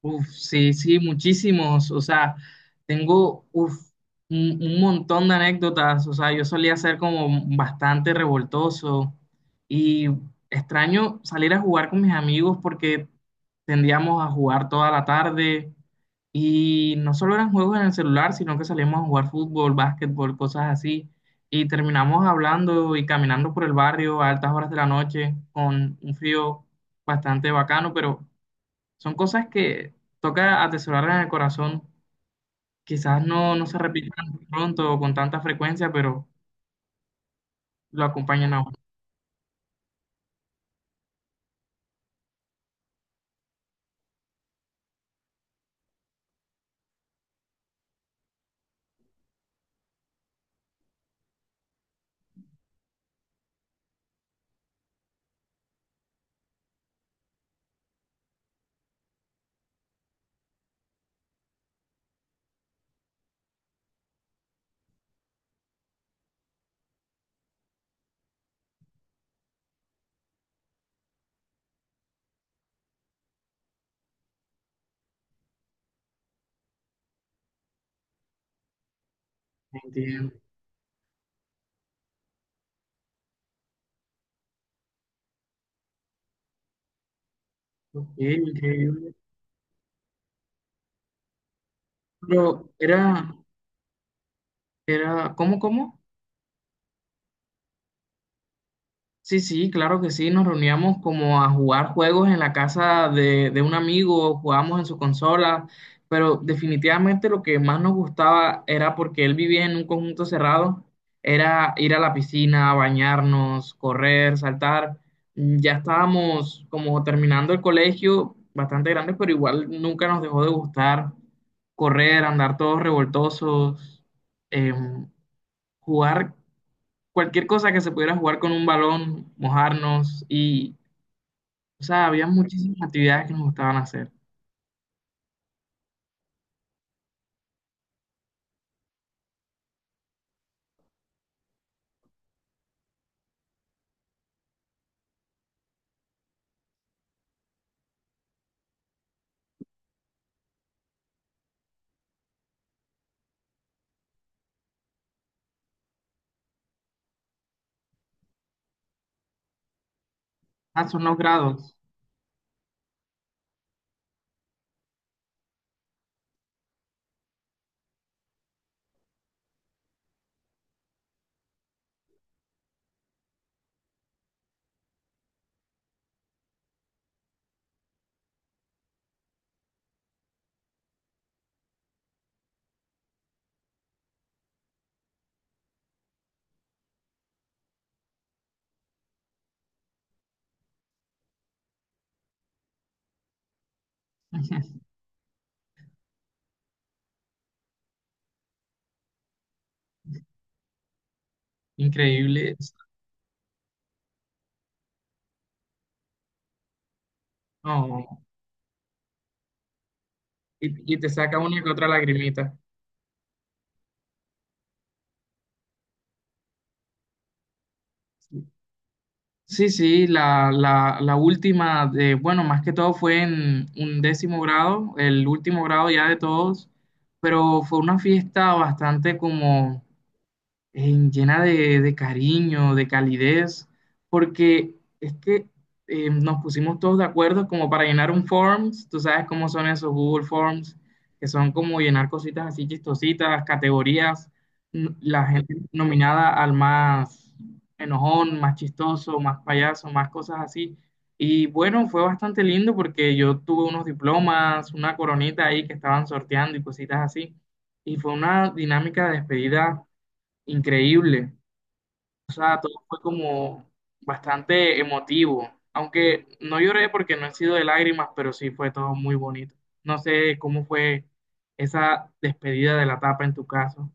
Uf, sí, sí, muchísimos. O sea, tengo un montón de anécdotas. O sea, yo solía ser como bastante revoltoso y extraño salir a jugar con mis amigos porque tendíamos a jugar toda la tarde y no solo eran juegos en el celular, sino que salíamos a jugar fútbol, básquetbol, cosas así. Y terminamos hablando y caminando por el barrio a altas horas de la noche con un frío bastante bacano, pero son cosas que toca atesorarlas en el corazón. Quizás no se repitan pronto o con tanta frecuencia, pero lo acompañan a uno. Entiendo. Ok, increíble. Pero era, era, ¿cómo, cómo? Sí, sí, claro que sí, nos reuníamos como a jugar juegos en la casa de un amigo, jugábamos en su consola, pero definitivamente lo que más nos gustaba era porque él vivía en un conjunto cerrado, era ir a la piscina, bañarnos, correr, saltar. Mm, ya estábamos como terminando el colegio, bastante grandes, pero igual nunca nos dejó de gustar correr, andar todos revoltosos, em, jugar cualquier cosa que se pudiera jugar con un balón, mojarnos y, o sea, había muchísimas actividades que nos gustaban hacer. Ah, son los grados. Increíble. No, y te saca una que otra lagrimita. Sí, sí, la última de, bueno, más que todo fue en un décimo grado, el último grado ya de todos, pero fue una fiesta bastante como llena de cariño, de calidez, porque es que nos pusimos todos de acuerdo como para llenar un Forms, tú sabes cómo son esos Google Forms, que son como llenar cositas así chistositas, categorías, la gente nominada al más enojón, más chistoso, más payaso, más cosas así. Y bueno, fue bastante lindo porque yo tuve unos diplomas, una coronita ahí que estaban sorteando y cositas así. Y fue una dinámica de despedida. Increíble. O sea, todo fue como bastante emotivo. Aunque no lloré porque no he sido de lágrimas, pero sí fue todo muy bonito. No sé cómo fue esa despedida de la etapa en tu caso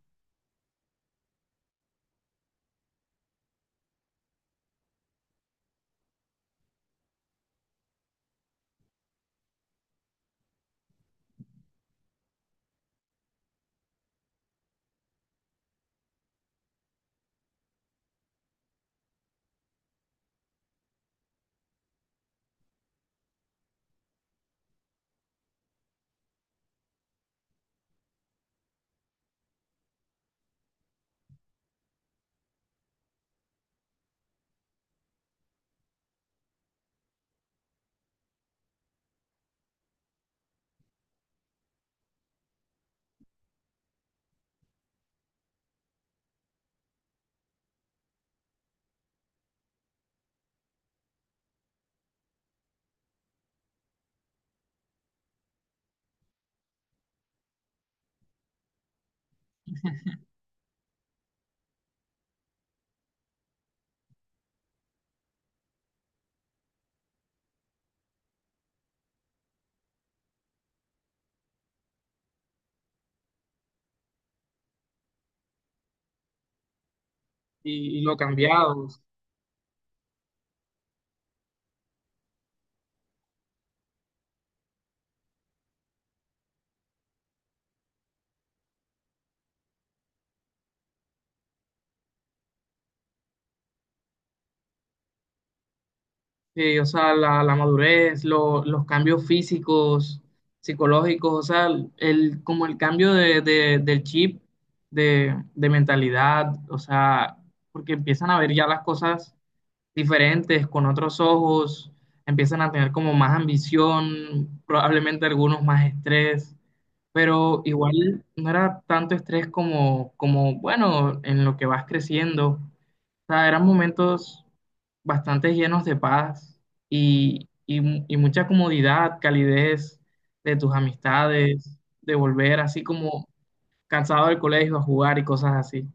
y lo cambiado. Sí, o sea, la madurez, los cambios físicos, psicológicos, o sea, el, como el cambio del chip, de mentalidad, o sea, porque empiezan a ver ya las cosas diferentes, con otros ojos, empiezan a tener como más ambición, probablemente algunos más estrés, pero igual no era tanto estrés como, como bueno, en lo que vas creciendo. O sea, eran momentos bastante llenos de paz y, y mucha comodidad, calidez de tus amistades, de volver así como cansado del colegio a jugar y cosas así.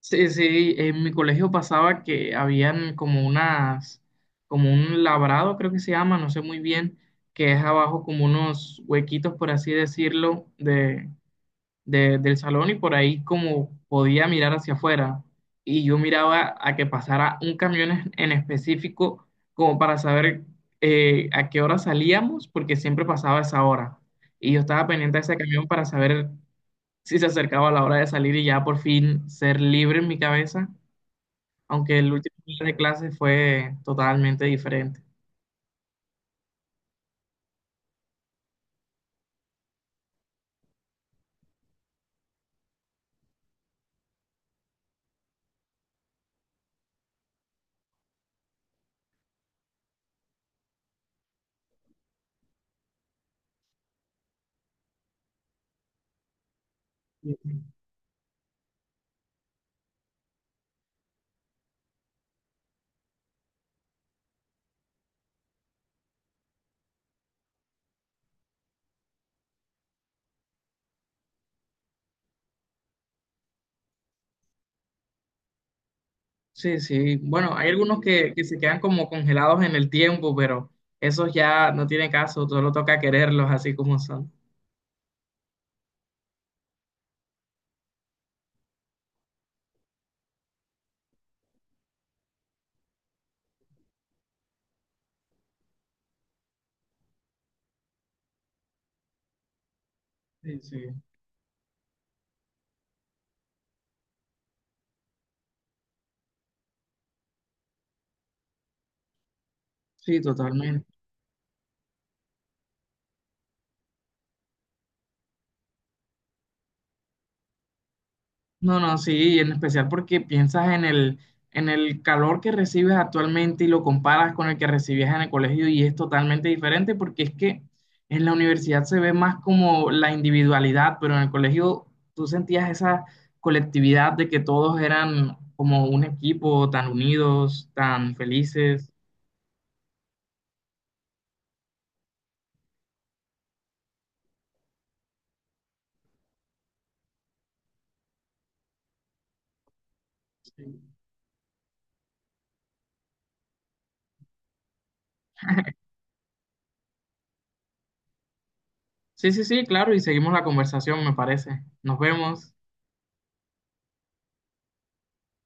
Sí, sí, en mi colegio pasaba que habían como unas, como un labrado, creo que se llama, no sé muy bien, que es abajo como unos huequitos, por así decirlo, del salón y por ahí como podía mirar hacia afuera. Y yo miraba a que pasara un camión en específico como para saber a qué hora salíamos, porque siempre pasaba esa hora. Y yo estaba pendiente de ese camión para saber si se acercaba la hora de salir y ya por fin ser libre en mi cabeza, aunque el último día de clase fue totalmente diferente. Sí, sí. Bueno, hay algunos que se quedan como congelados en el tiempo, pero esos ya no tiene caso, solo toca quererlos así como son. Sí, sí. Sí, totalmente. No, no, sí, y en especial porque piensas en el calor que recibes actualmente y lo comparas con el que recibías en el colegio y es totalmente diferente porque es que en la universidad se ve más como la individualidad, pero en el colegio tú sentías esa colectividad de que todos eran como un equipo, tan unidos, tan felices. Sí, sí, sí, claro, y seguimos la conversación, me parece. Nos vemos.